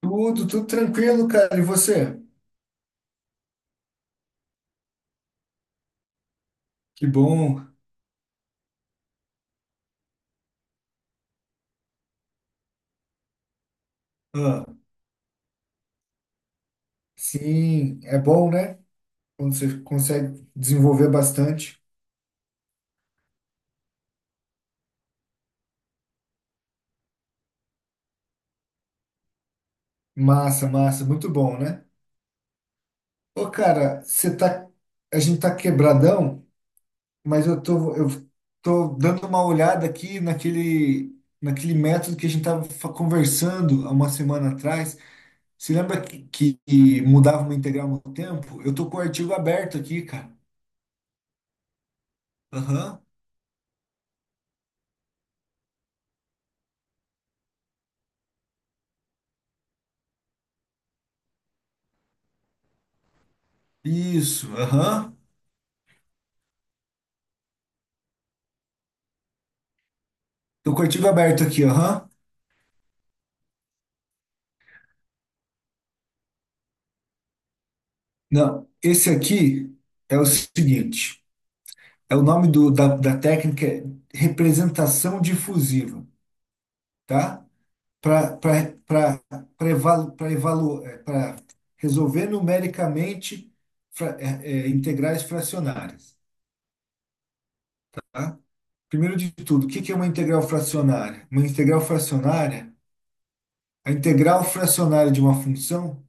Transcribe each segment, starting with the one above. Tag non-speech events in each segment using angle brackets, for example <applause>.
Tudo tranquilo, cara. E você? Que bom. Ah, sim, é bom, né? Quando você consegue desenvolver bastante. Massa, massa, muito bom, né? Ô, cara, você tá. A gente tá quebradão, mas eu tô dando uma olhada aqui naquele método que a gente tava conversando há uma semana atrás. Você lembra que que mudava uma integral no tempo? Eu tô com o artigo aberto aqui, cara. Aham. Isso, aham. Do Cortigo aberto aqui, aham. Não, esse aqui é o seguinte, é o nome da técnica é representação difusiva, tá? Para para resolver numericamente integrais fracionárias, tá? Primeiro de tudo, o que que é uma integral fracionária? Uma integral fracionária, a integral fracionária de uma função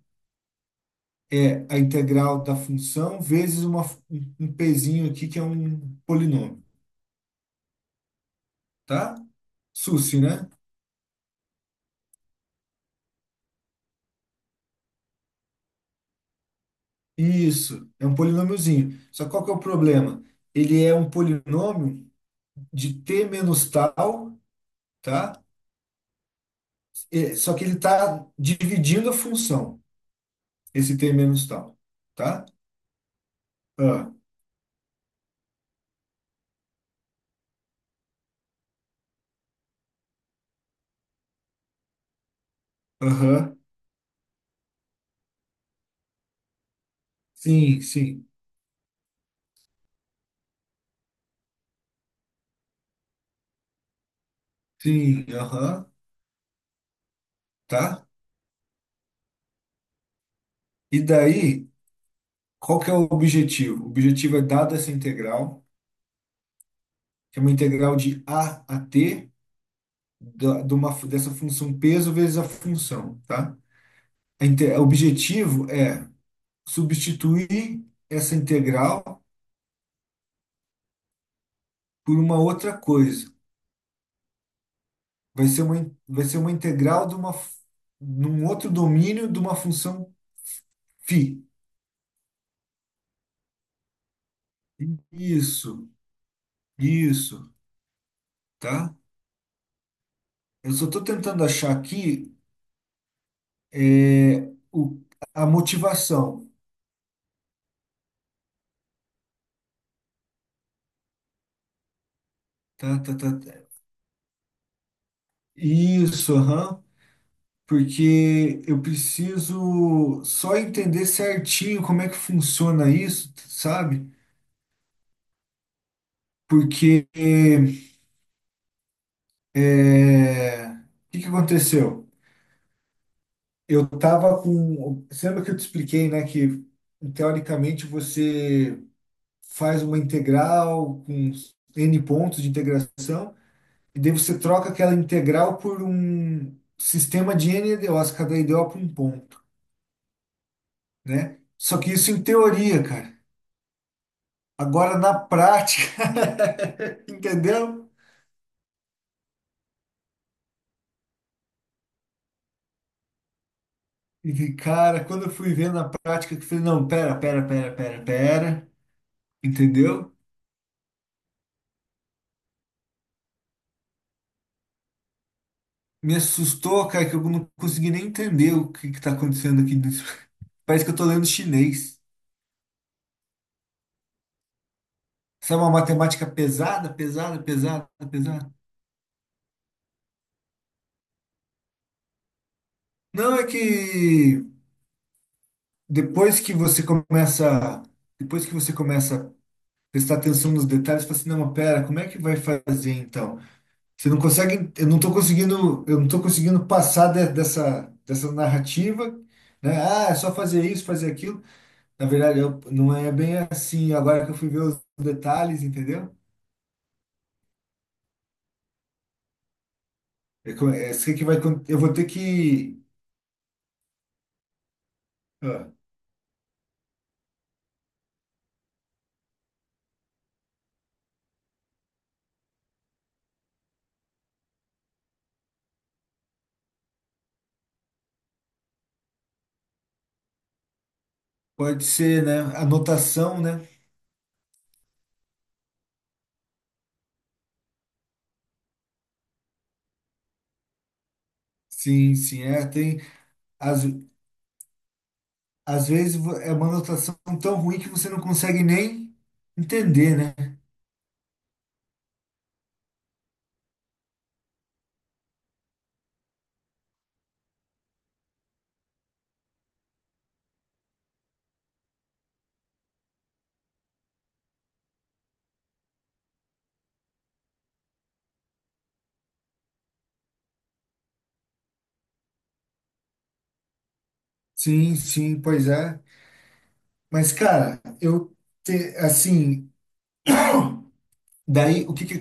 é a integral da função vezes uma, um um pezinho aqui que é um polinômio, tá? SUSS, né? Isso, é um polinômiozinho. Só que qual que é o problema? Ele é um polinômio de t menos tal, tá? Só que ele está dividindo a função, esse t menos tal, tá? Ah, aham, sim, sim, sim, aham, tá? E daí, qual que é o objetivo? O objetivo é, dada essa integral, é uma integral de A a T dessa função peso vezes a função, tá? O objetivo é substituir essa integral por uma outra coisa. Vai ser uma integral num outro domínio de uma função φ. Isso, isso, tá? Eu só estou tentando achar aqui é, o, a motivação. Tá, tá, tá, tá. Isso, aham. Porque eu preciso só entender certinho como é que funciona isso, sabe? Porque o que que aconteceu? Eu tava com. Você lembra que eu te expliquei, né? Que teoricamente você faz uma integral com N pontos de integração, e daí você troca aquela integral por um sistema de N EDOs, cada EDO para um ponto, né? Só que isso em teoria, cara. Agora na prática, <laughs> entendeu? Vi, cara, quando eu fui ver na prática, que eu falei, não, pera, pera, pera, pera, pera, entendeu? Me assustou, cara, que eu não consegui nem entender o que que tá acontecendo aqui dentro. <laughs> Parece que eu tô lendo chinês. Sabe uma matemática pesada, pesada, pesada, pesada? Não, é que depois que você começa, depois que você começa a prestar atenção nos detalhes, você fala assim, não, mas pera, como é que vai fazer então? Você não consegue, eu não tô conseguindo passar dessa narrativa, né? Ah, é só fazer isso, fazer aquilo. Na verdade, não é bem assim. Agora que eu fui ver os detalhes, entendeu? É, é, isso que vai, eu vou ter que, ah, pode ser, né? Anotação, né? Sim, sim, é, tem, às, às vezes é uma anotação tão ruim que você não consegue nem entender, né? Sim, sim, pois é. Mas, cara, eu, te, assim, daí, o que que...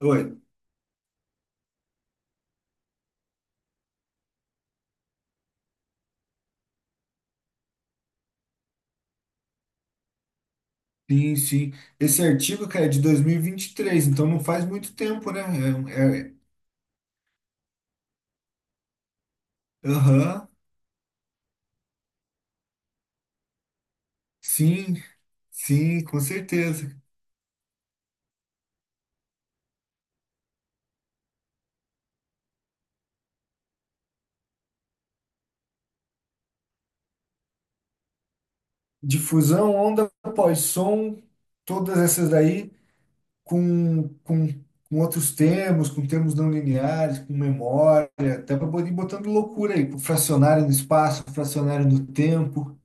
Oi, sim, sim. Esse artigo, cara, é de dois mil e vinte e três então não faz muito tempo, né? É, um, é- Aham, sim, sim, com certeza. Difusão, onda após som, todas essas daí com, com, com outros termos, com termos não lineares, com memória, até para poder ir botando loucura aí, com fracionário no espaço, fracionário no tempo.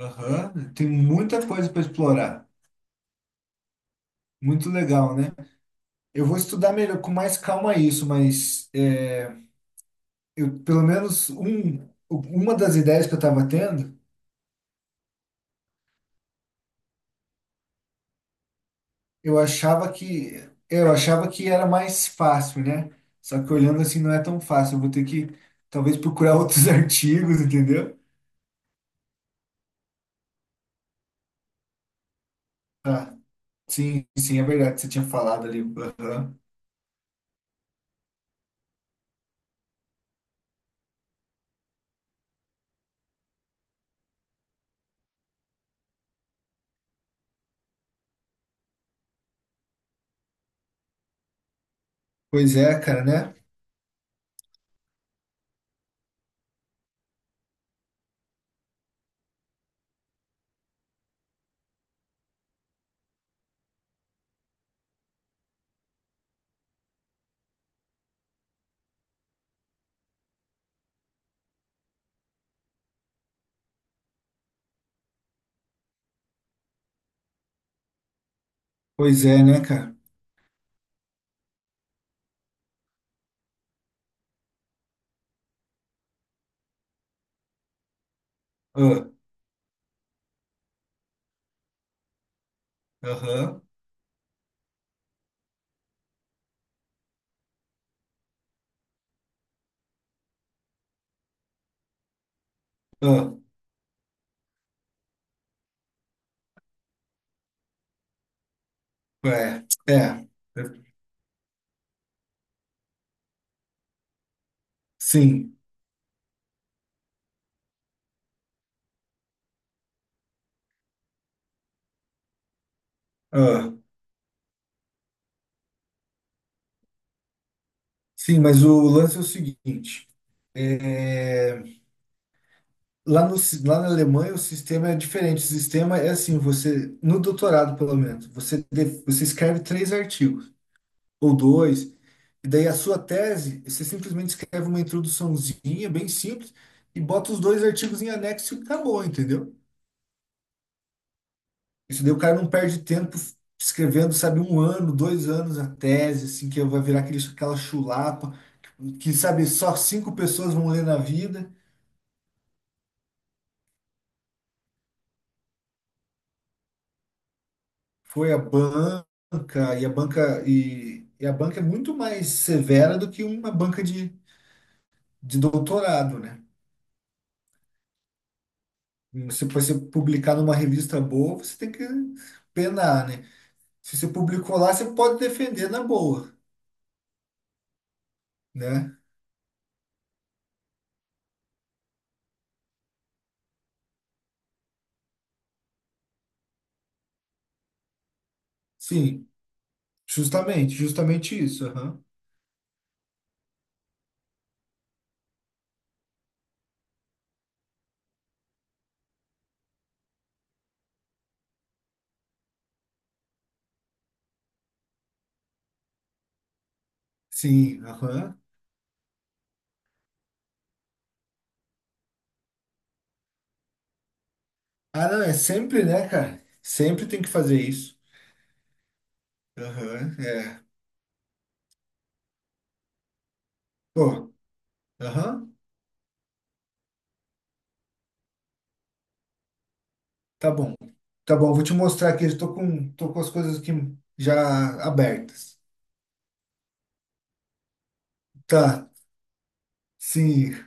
Aham, tem muita coisa para explorar. Muito legal, né? Eu vou estudar melhor, com mais calma isso, mas é, eu, pelo menos uma das ideias que eu estava tendo, eu achava que eu achava que era mais fácil, né? Só que olhando assim não é tão fácil. Eu vou ter que talvez procurar outros <laughs> artigos, entendeu? Sim, sim, é verdade. Você tinha falado ali. Aham. Pois é, cara, né? Pois é, né, cara? Ah, aham. Ah, é, é. Sim. Sim, mas o lance é o seguinte. É, lá, no, si- lá na Alemanha o sistema é diferente. O sistema é assim, você, no doutorado pelo menos, você, você escreve três artigos, ou dois, e daí a sua tese, você simplesmente escreve uma introduçãozinha bem simples e bota os dois artigos em anexo e acabou, entendeu? Isso daí o cara não perde tempo escrevendo, sabe, um ano, 2 anos a tese, assim, que vai virar aquela chulapa, que, sabe, só cinco pessoas vão ler na vida. Foi a banca e a banca é muito mais severa do que uma banca de doutorado, né? Se você publicar numa revista boa, você tem que penar, né? Se você publicou lá, você pode defender na boa, né? Sim, justamente, justamente isso. Aham. Sim, aham. Ah, não, é sempre, né, cara? Sempre tem que fazer isso. Aham, é. Pô, aham. Tá bom. Tá bom, vou te mostrar aqui. Tô com as coisas aqui já abertas. Tá, sim.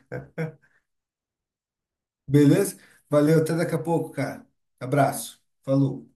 Beleza? Valeu, até daqui a pouco, cara. Abraço. Falou.